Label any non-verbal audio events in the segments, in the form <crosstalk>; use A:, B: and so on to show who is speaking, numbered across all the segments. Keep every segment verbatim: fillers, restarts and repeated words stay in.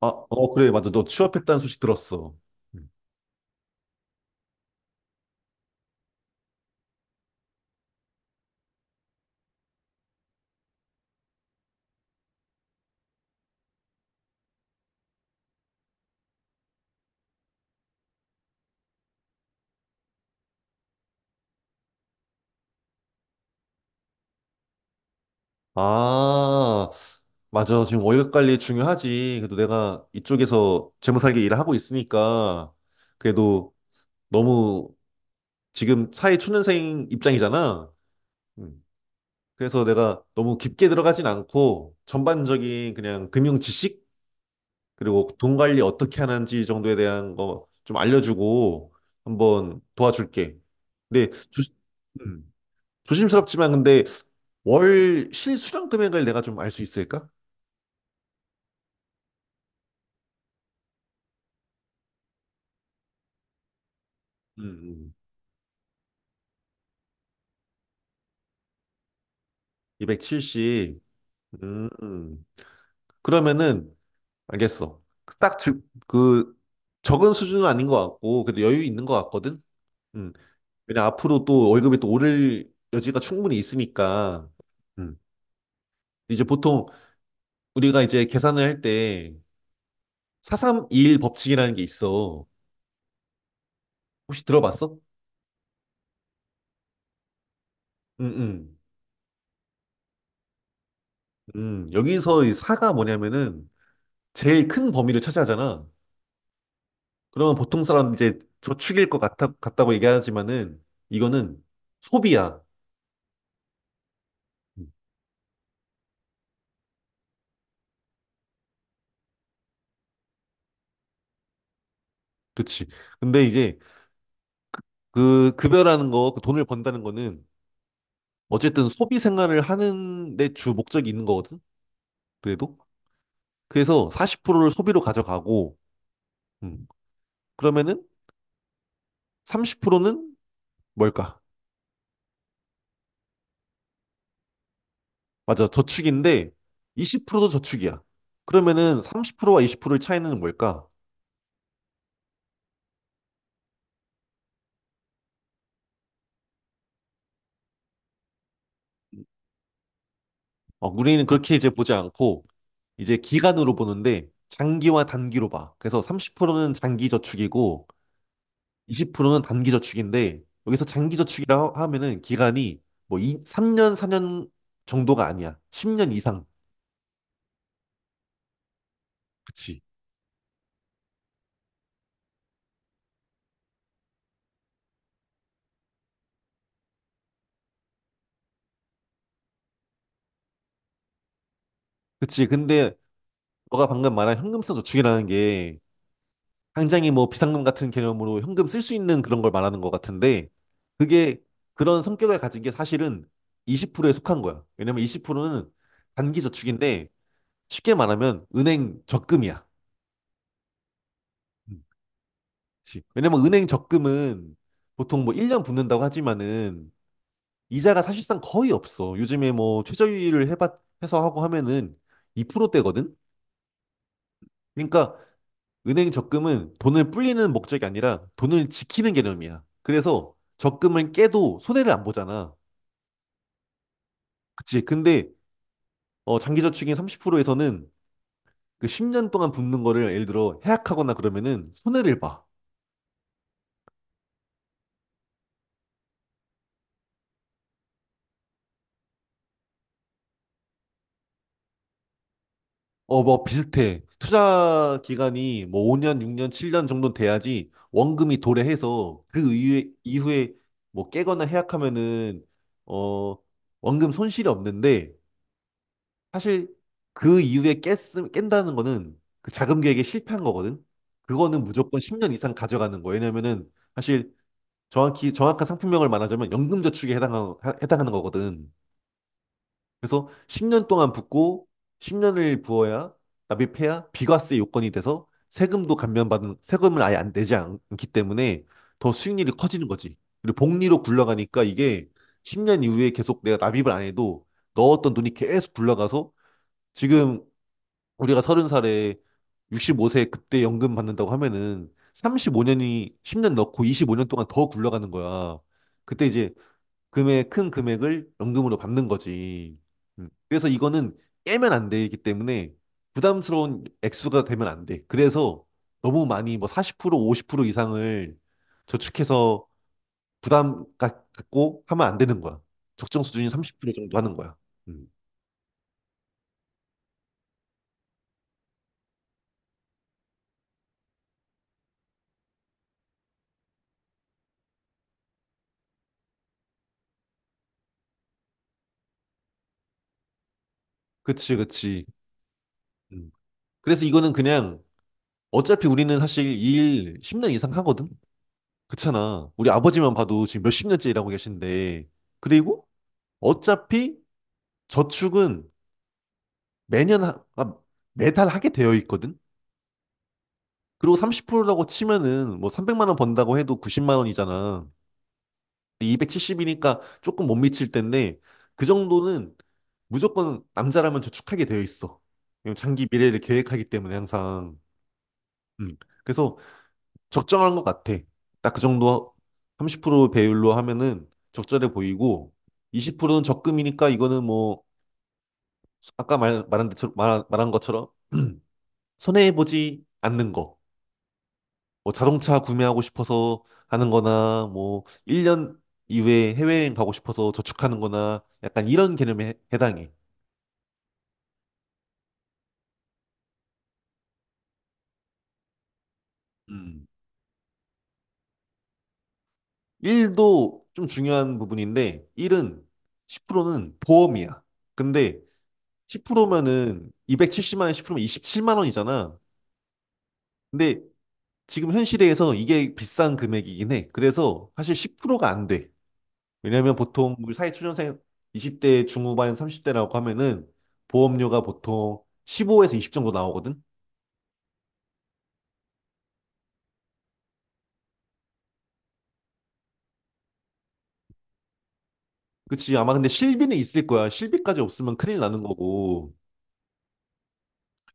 A: 아, 어, 그래, 맞아. 너 취업했다는 소식 들었어. 음. 아, 맞아. 지금 월급 관리 중요하지. 그래도 내가 이쪽에서 재무살기 일을 하고 있으니까, 그래도 너무 지금 사회 초년생 입장이잖아. 음. 그래서 내가 너무 깊게 들어가진 않고 전반적인 그냥 금융 지식 그리고 돈 관리 어떻게 하는지 정도에 대한 거 좀 알려주고 한번 도와줄게. 근데 조, 음, 조심스럽지만 근데 월 실수령 금액을 내가 좀 알 수 있을까? 음, 음. 이백칠십. 음, 음. 그러면은 알겠어. 딱 그 적은 수준은 아닌 것 같고 그래도 여유 있는 것 같거든. 음. 왜냐 앞으로 또 월급이 또 오를 여지가 충분히 있으니까. 음. 이제 보통 우리가 이제 계산을 할 때 사삼이일 법칙이라는 게 있어. 혹시 들어봤어? 음, 음. 음, 여기서 이 사가 뭐냐면은 제일 큰 범위를 차지하잖아. 그러면 보통 사람은 이제 저축일 것 같아, 같다고 얘기하지만은 이거는 소비야. 음, 그치. 근데 이제 그 급여라는 거, 그 돈을 번다는 거는 어쨌든 소비 생활을 하는 데 주 목적이 있는 거거든. 그래도. 그래서 사십 퍼센트를 소비로 가져가고, 음, 그러면은 삼십 퍼센트는 뭘까? 맞아, 저축인데 이십 퍼센트도 저축이야. 그러면은 삼십 퍼센트와 이십 퍼센트의 차이는 뭘까? 어, 우리는 그렇게 이제 보지 않고, 이제 기간으로 보는데, 장기와 단기로 봐. 그래서 삼십 퍼센트는 장기 저축이고, 이십 퍼센트는 단기 저축인데, 여기서 장기 저축이라 하면은 기간이 뭐 이, 삼 년, 사 년 정도가 아니야. 십 년 이상. 그치. 그치. 근데 너가 방금 말한 현금 쓰는 저축이라는 게 당장에 뭐 비상금 같은 개념으로 현금 쓸 수 있는 그런 걸 말하는 것 같은데 그게 그런 성격을 가진 게 사실은 이십 퍼센트에 속한 거야. 왜냐면 이십 퍼센트는 단기 저축인데 쉽게 말하면 은행 적금이야. 음, 그치. 왜냐면 은행 적금은 보통 뭐 일 년 붙는다고 하지만은 이자가 사실상 거의 없어. 요즘에 뭐 최저율을 해봐 해서 하고 하면은 이 퍼센트대거든. 그러니까 은행 적금은 돈을 불리는 목적이 아니라 돈을 지키는 개념이야. 그래서 적금을 깨도 손해를 안 보잖아. 그치. 근데 어, 장기저축인 삼십 퍼센트에서는 그 십 년 동안 붓는 거를 예를 들어 해약하거나 그러면은 손해를 봐. 어, 뭐 비슷해. 투자 기간이 뭐 오 년, 육 년, 칠 년 정도 돼야지 원금이 도래해서 그 이후에, 이후에 뭐 깨거나 해약하면은 어, 원금 손실이 없는데 사실 그 이후에 깼, 깬다는 거는 그 자금 계획에 실패한 거거든. 그거는 무조건 십 년 이상 가져가는 거예요. 왜냐면은 사실 정확히 정확한 상품명을 말하자면 연금저축에 해당하, 해당하는 거거든. 그래서 십 년 동안 붓고 십 년을 부어야 납입해야 비과세 요건이 돼서 세금도 감면받은 세금을 아예 안 내지 않기 때문에 더 수익률이 커지는 거지. 그리고 복리로 굴러가니까 이게 십 년 이후에 계속 내가 납입을 안 해도 넣었던 돈이 계속 굴러가서 지금 우리가 서른 살에 육십오 세 그때 연금 받는다고 하면은 삼십오 년이 십 년 넣고 이십오 년 동안 더 굴러가는 거야. 그때 이제 금액, 큰 금액을 연금으로 받는 거지. 음, 그래서 이거는 깨면 안 되기 때문에 부담스러운 액수가 되면 안 돼. 그래서 너무 많이 뭐 사십 퍼센트 오십 퍼센트 이상을 저축해서 부담 가- 갖고 하면 안 되는 거야. 적정 수준이 삼십 퍼센트 정도 하는 거야. 음. 그치, 그치. 음. 그래서 이거는 그냥 어차피 우리는 사실 이 일 십 년 이상 하거든? 그렇잖아. 우리 아버지만 봐도 지금 몇십 년째 일하고 계신데. 그리고 어차피 저축은 매년, 하, 아, 매달 하게 되어 있거든? 그리고 삼십 퍼센트라고 치면은 뭐 삼백만 원 번다고 해도 구십만 원이잖아. 이백칠십이니까 조금 못 미칠 텐데 그 정도는 무조건 남자라면 저축하게 되어 있어. 왜냐면 장기 미래를 계획하기 때문에 항상. 음. 그래서 적정한 것 같아. 딱 그 정도 삼십 퍼센트 배율로 하면은 적절해 보이고 이십 퍼센트는 적금이니까 이거는 뭐 아까 말, 말한 대처럼 말, 말한 것처럼 <clears throat> 손해해 보지 않는 거. 뭐 자동차 구매하고 싶어서 하는 거나 뭐 일 년 이후에 해외여행 가고 싶어서 저축하는 거나 약간 이런 개념에 해- 해당해. 음. 일도 좀 중요한 부분인데 일은 십 퍼센트는 보험이야. 근데 십 퍼센트면은 이백칠십만 원에 십 퍼센트면 이십칠만 원이잖아. 근데 지금 현 시대에서 이게 비싼 금액이긴 해. 그래서 사실 십 퍼센트가 안 돼. 왜냐면 보통 우리 사회초년생 이십 대 중후반 삼십 대라고 하면은 보험료가 보통 십오에서 이십 정도 나오거든. 그치. 아마 근데 실비는 있을 거야. 실비까지 없으면 큰일 나는 거고.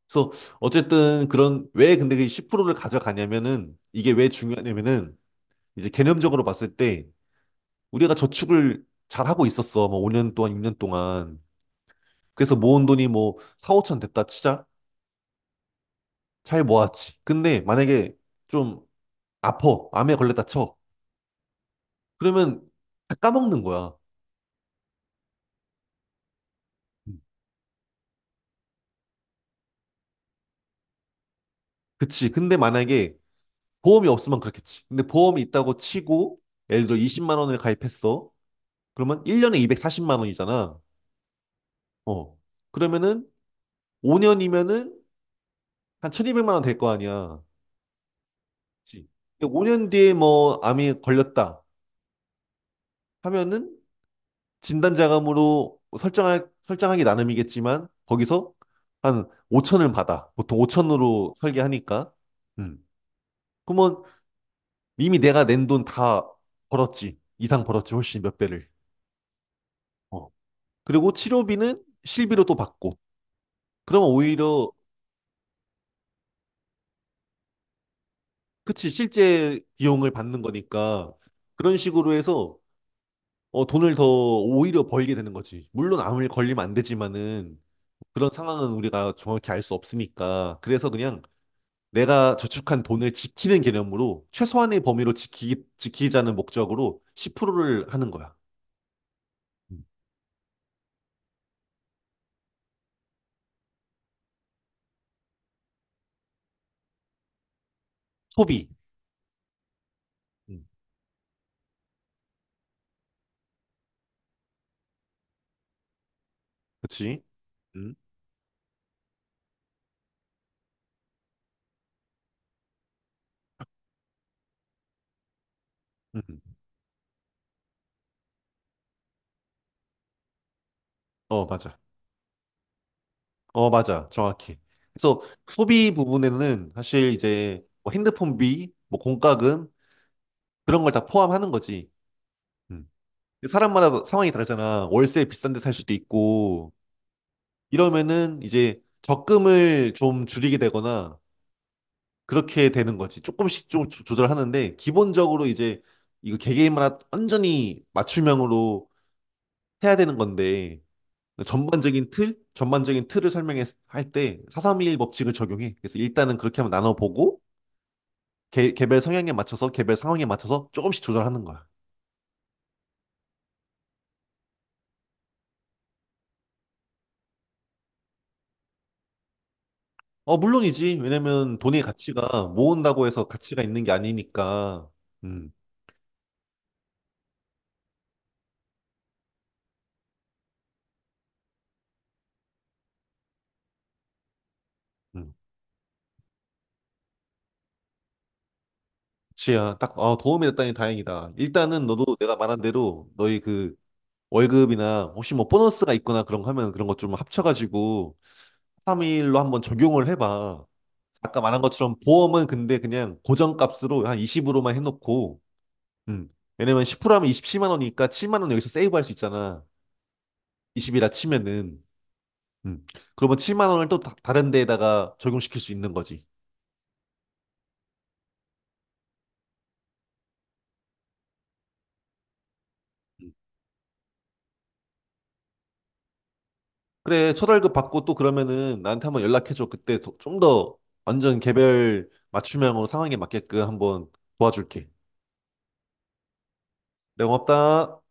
A: 그래서 어쨌든 그런 왜 근데 그 십 퍼센트를 가져가냐면은 이게 왜 중요하냐면은 이제 개념적으로 봤을 때 우리가 저축을 잘 하고 있었어. 뭐 오 년 동안, 육 년 동안. 그래서 모은 돈이 뭐 사, 오천 됐다 치자. 잘 모았지. 근데 만약에 좀 아파. 암에 걸렸다 쳐. 그러면 다 까먹는 거야. 음. 그치. 근데 만약에 보험이 없으면 그렇겠지. 근데 보험이 있다고 치고 예를 들어 이십만 원을 가입했어. 그러면 일 년에 이백사십만 원이잖아. 어. 그러면은 오 년이면은 한 천이백만 원 될 거 아니야. 그치. 근데 오 년 뒤에 뭐 암이 걸렸다 하면은 진단자금으로 설정할, 설정하기 나름이겠지만 거기서 한 오천을 받아. 보통 오천으로 설계하니까. 음. 그러면 이미 내가 낸 돈 다 벌었지. 이상 벌었지. 훨씬 몇 배를. 어. 그리고 치료비는 실비로 또 받고. 그러면 오히려 그치 실제 비용을 받는 거니까 그런 식으로 해서 어, 돈을 더 오히려 벌게 되는 거지. 물론 암을 걸리면 안 되지만은 그런 상황은 우리가 정확히 알 수 없으니까. 그래서 그냥 내가 저축한 돈을 지키는 개념으로 최소한의 범위로 지키, 지키자는 목적으로 십 퍼센트를 하는 거야. 음. 소비. 음. 그치? 음. 음. 어, 맞아. 어, 맞아. 정확해. 그래서 소비 부분에는 사실 이제 뭐 핸드폰비, 뭐 공과금 그런 걸 다 포함하는 거지. 음. 사람마다 상황이 다르잖아. 월세 비싼 데 살 수도 있고 이러면은 이제 적금을 좀 줄이게 되거나 그렇게 되는 거지. 조금씩 좀 조- 조절하는데 기본적으로 이제 이거 개개인마다 완전히 맞춤형으로 해야 되는 건데 전반적인 틀, 전반적인 틀을 설명할 때 사백삼십일 법칙을 적용해. 그래서 일단은 그렇게 한번 나눠보고 개, 개별 성향에 맞춰서 개별 상황에 맞춰서 조금씩 조절하는 거야. 어, 물론이지. 왜냐면 돈의 가치가 모은다고 해서 가치가 있는 게 아니니까. 음, 음. 지야, 딱, 어, 도움이 됐다니 다행이다. 일단은 너도 내가 말한 대로 너희 그 월급이나 혹시 뭐 보너스가 있거나 그런 거 하면 그런 것 좀 합쳐가지고 삼일로 한번 적용을 해봐. 아까 말한 것처럼 보험은 근데 그냥 고정값으로 한 이십으로만 해놓고, 음. 왜냐면 십 퍼센트하면 이십칠만 원이니까 칠만 원 여기서 세이브할 수 있잖아. 이십이라 치면은. 음. 그러면 칠만 원을 또 다, 른 데에다가 적용시킬 수 있는 거지. 음. 그래, 첫월급 받고 또 그러면은 나한테 한번 연락해줘. 그때 좀 더 완전 개별 맞춤형으로 상황에 맞게끔 한번 도와줄게. 네, 고맙다.